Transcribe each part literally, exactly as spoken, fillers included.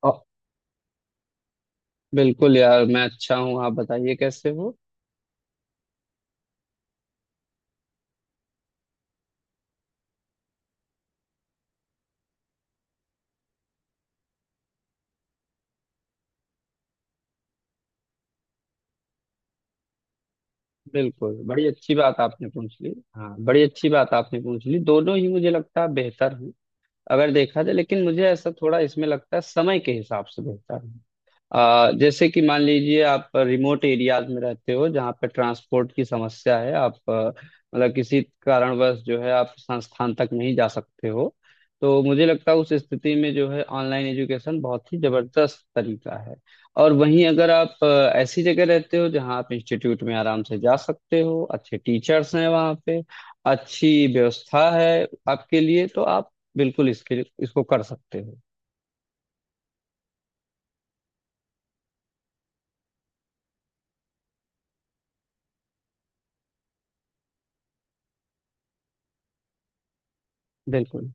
अ, बिल्कुल यार मैं अच्छा हूँ। आप बताइए कैसे हो। बिल्कुल, बड़ी अच्छी बात आपने पूछ ली, हाँ बड़ी अच्छी बात आपने पूछ ली। दोनों ही मुझे लगता है बेहतर हैं। अगर देखा जाए, लेकिन मुझे ऐसा थोड़ा इसमें लगता है, समय के हिसाब से बेहतर है। आ, जैसे कि मान लीजिए आप रिमोट एरियाज में रहते हो जहाँ पे ट्रांसपोर्ट की समस्या है, आप अ, मतलब किसी कारणवश जो है आप संस्थान तक नहीं जा सकते हो। तो मुझे लगता है उस स्थिति में जो है ऑनलाइन एजुकेशन बहुत ही जबरदस्त तरीका है। और वहीं अगर आप अ, ऐसी जगह रहते हो जहाँ आप इंस्टीट्यूट में आराम से जा सकते हो, अच्छे टीचर्स हैं वहाँ पे, अच्छी व्यवस्था है आपके लिए, तो आप बिल्कुल इसके इसको कर सकते हो। बिल्कुल,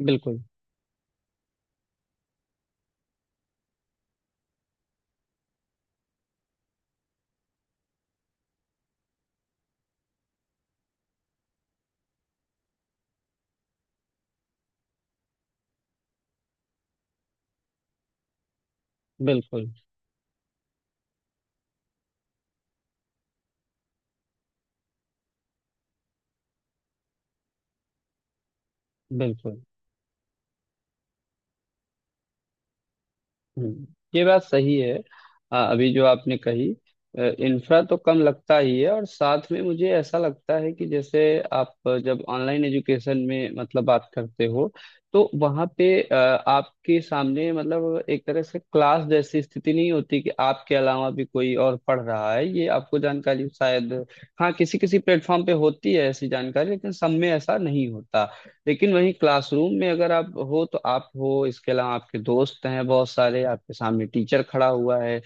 बिल्कुल, बिल्कुल, बिल्कुल। हम्म, ये बात सही है। अ, अभी जो आपने कही, इंफ्रा तो कम लगता ही है, और साथ में मुझे ऐसा लगता है कि जैसे आप जब ऑनलाइन एजुकेशन में मतलब बात करते हो, तो वहाँ पे अ, आपके सामने मतलब एक तरह से क्लास जैसी स्थिति नहीं होती कि आपके अलावा भी कोई और पढ़ रहा है, ये आपको जानकारी शायद। हाँ, किसी किसी प्लेटफॉर्म पे होती है ऐसी जानकारी, लेकिन सब में ऐसा नहीं होता। लेकिन वहीं क्लासरूम में अगर आप हो तो आप हो, इसके अलावा आपके दोस्त हैं बहुत सारे, आपके सामने टीचर खड़ा हुआ है।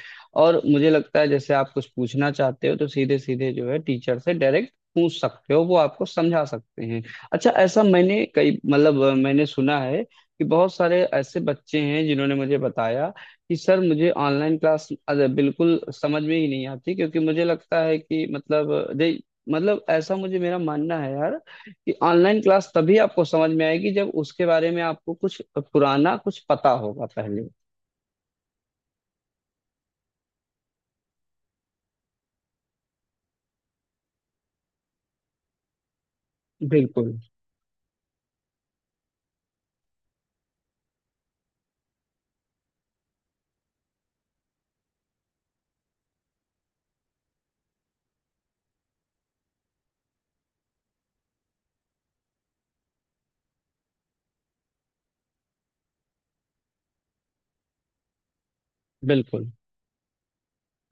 और मुझे लगता है जैसे आप कुछ पूछना चाहते हो, तो सीधे सीधे जो है टीचर से डायरेक्ट पूछ सकते हो, वो आपको समझा सकते हैं। अच्छा, ऐसा मैंने कई मतलब अ, मैंने सुना है कि बहुत सारे ऐसे बच्चे हैं जिन्होंने मुझे बताया कि सर मुझे ऑनलाइन क्लास अ, बिल्कुल समझ में ही नहीं आती, क्योंकि मुझे लगता है कि मतलब दे, मतलब ऐसा मुझे, मेरा मानना है यार, कि ऑनलाइन क्लास तभी आपको समझ में आएगी जब उसके बारे में आपको कुछ पुराना कुछ पता होगा पहले। बिल्कुल, बिल्कुल,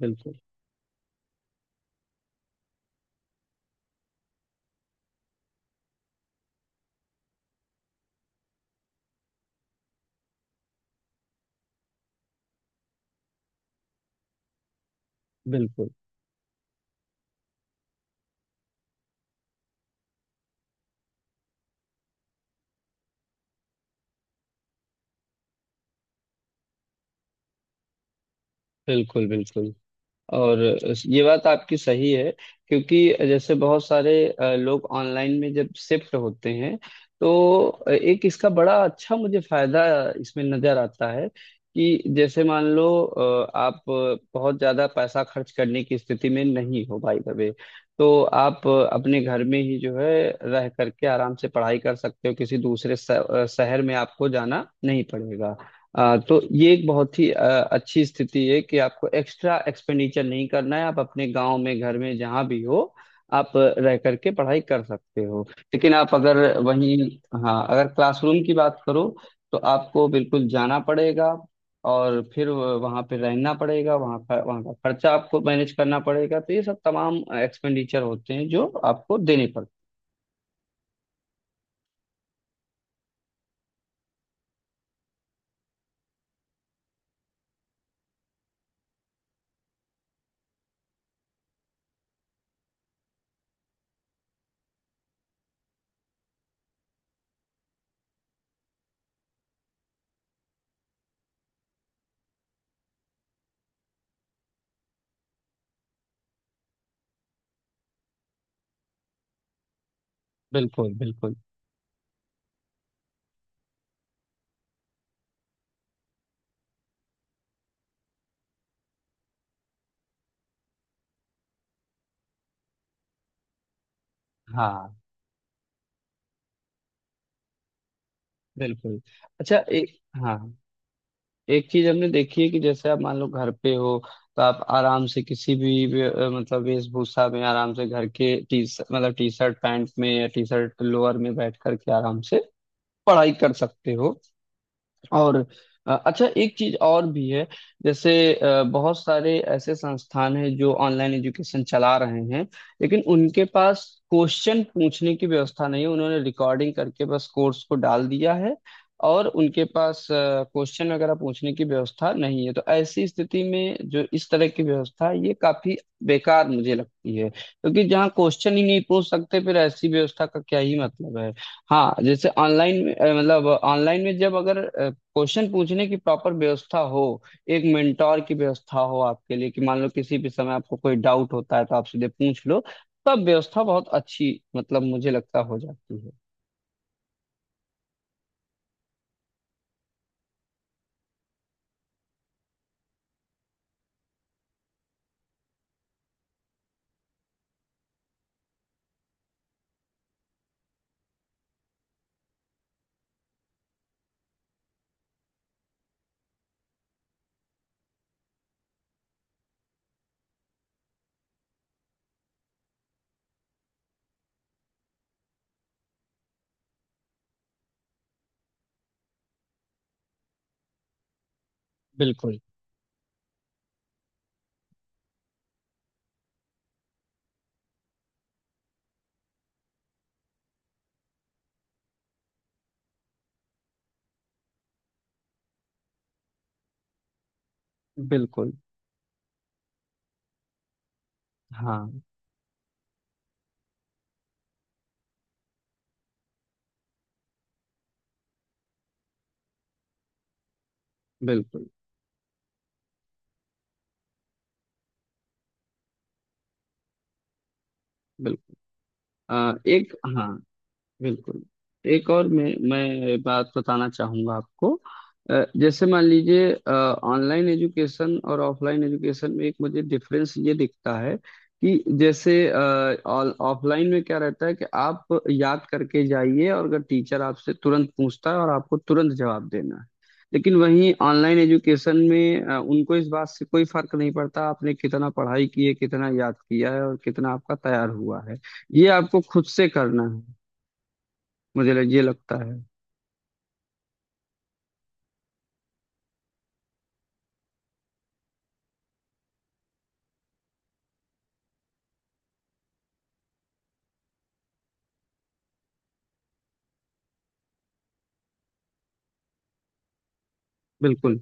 बिल्कुल, बिल्कुल, बिल्कुल, बिल्कुल, बिल्कुल। और ये बात आपकी सही है। क्योंकि जैसे बहुत सारे अ, लोग ऑनलाइन में जब शिफ्ट होते हैं, तो एक इसका बड़ा अच्छा मुझे फायदा इसमें नजर आता है। कि जैसे मान लो अ, आप बहुत ज्यादा पैसा खर्च करने की स्थिति में नहीं हो भाई वे, तो आप अपने घर में ही जो है रह करके आराम से पढ़ाई कर सकते हो, किसी दूसरे श- अ, शहर में आपको जाना नहीं पड़ेगा। आ, तो ये एक बहुत ही आ, अच्छी स्थिति है कि आपको एक्स्ट्रा एक्सपेंडिचर नहीं करना है, आप अपने गांव में घर में जहां भी हो, आप रह करके पढ़ाई कर सकते हो। लेकिन आप अगर वहीं, हाँ, अगर क्लासरूम की बात करो तो आपको बिल्कुल जाना पड़ेगा, और फिर वहां पे रहना पड़ेगा, वहां पर वहां का खर्चा आपको मैनेज करना पड़ेगा, तो ये सब तमाम एक्सपेंडिचर होते हैं जो आपको देने पड़ते हैं। बिल्कुल, बिल्कुल, हाँ, बिल्कुल। अच्छा, एक, हाँ, एक चीज हमने देखी है कि जैसे आप मान लो घर पे हो, तो आप आराम से किसी भी वे- अ, मतलब वेशभूषा में, आराम से घर के टी, मतलब टी शर्ट पैंट में या टी शर्ट लोअर में बैठ करके आराम से पढ़ाई कर सकते हो। और अ, अच्छा, एक चीज और भी है। जैसे अ, बहुत सारे ऐसे संस्थान हैं जो ऑनलाइन एजुकेशन चला रहे हैं, लेकिन उनके पास क्वेश्चन पूछने की व्यवस्था नहीं है, उन्होंने रिकॉर्डिंग करके बस कोर्स को डाल दिया है, और उनके पास क्वेश्चन वगैरह पूछने की व्यवस्था नहीं है, तो ऐसी स्थिति में जो इस तरह की व्यवस्था है ये काफी बेकार मुझे लगती है, क्योंकि जहाँ क्वेश्चन ही नहीं पूछ सकते फिर ऐसी व्यवस्था का क्या ही मतलब है। हाँ, जैसे ऑनलाइन में अ, मतलब ऑनलाइन में जब अगर क्वेश्चन पूछने की प्रॉपर व्यवस्था हो, एक मेंटोर की व्यवस्था हो आपके लिए, कि मान लो किसी भी समय आपको कोई डाउट होता है तो आप सीधे पूछ लो, तब व्यवस्था बहुत अच्छी मतलब मुझे लगता हो जाती है। बिल्कुल, बिल्कुल, हाँ, बिल्कुल, बिल्कुल, अ, एक, हाँ, बिल्कुल, एक और मैं मैं बात बताना चाहूंगा आपको। अ, जैसे मान लीजिए ऑनलाइन एजुकेशन और ऑफलाइन एजुकेशन में एक मुझे डिफरेंस ये दिखता है, कि जैसे ऑफलाइन में क्या रहता है कि आप याद करके जाइए, और अगर टीचर आपसे तुरंत पूछता है और आपको तुरंत जवाब देना है। लेकिन वहीं ऑनलाइन एजुकेशन में अ, उनको इस बात से कोई फर्क नहीं पड़ता आपने कितना पढ़ाई की है, कितना याद किया है, और कितना आपका तैयार हुआ है, ये आपको खुद से करना है। मुझे लग, ये लगता है। बिल्कुल,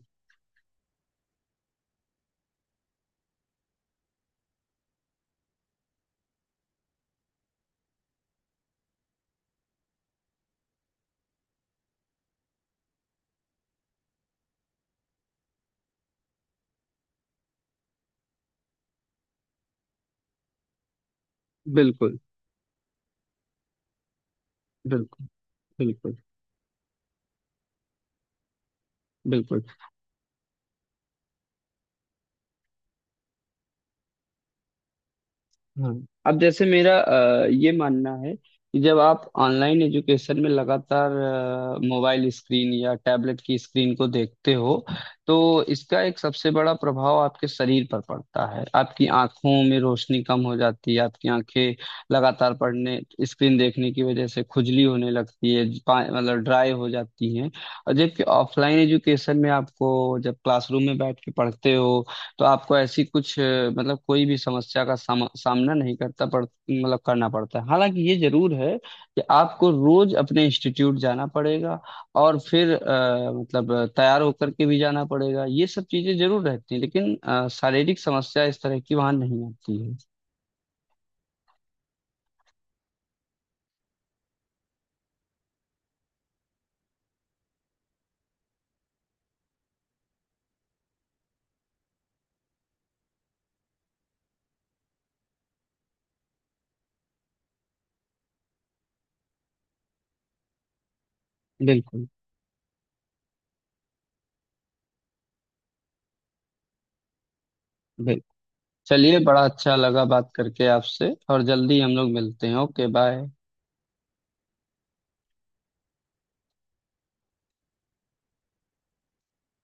बिल्कुल, बिल्कुल, बिल्कुल, बिल्कुल, हाँ। अब जैसे मेरा अ, ये मानना है, कि जब आप ऑनलाइन एजुकेशन में लगातार मोबाइल स्क्रीन या टैबलेट की स्क्रीन को देखते हो, तो इसका एक सबसे बड़ा प्रभाव आपके शरीर पर पड़ता है, आपकी आंखों में रोशनी कम हो जाती है, आपकी आंखें लगातार पढ़ने, स्क्रीन देखने की वजह से खुजली होने लगती है, पा- मतलब ड्राई हो जाती है। और जबकि ऑफलाइन एजुकेशन में आपको जब क्लासरूम में बैठ के पढ़ते हो, तो आपको ऐसी कुछ अ, मतलब कोई भी समस्या का साम, सामना नहीं करता पड़ मतलब करना पड़ता है। हालांकि ये जरूर है कि आपको रोज अपने इंस्टीट्यूट जाना पड़ेगा, और फिर अ, मतलब अ, तैयार होकर के भी जाना पड़ेगा, ये सब चीजें जरूर रहती हैं, लेकिन अ, शारीरिक समस्या इस तरह की वहां नहीं आती है। बिल्कुल, बिल्कुल। चलिए, बड़ा अच्छा लगा बात करके आपसे, और जल्दी हम लोग मिलते हैं। Okay, bye.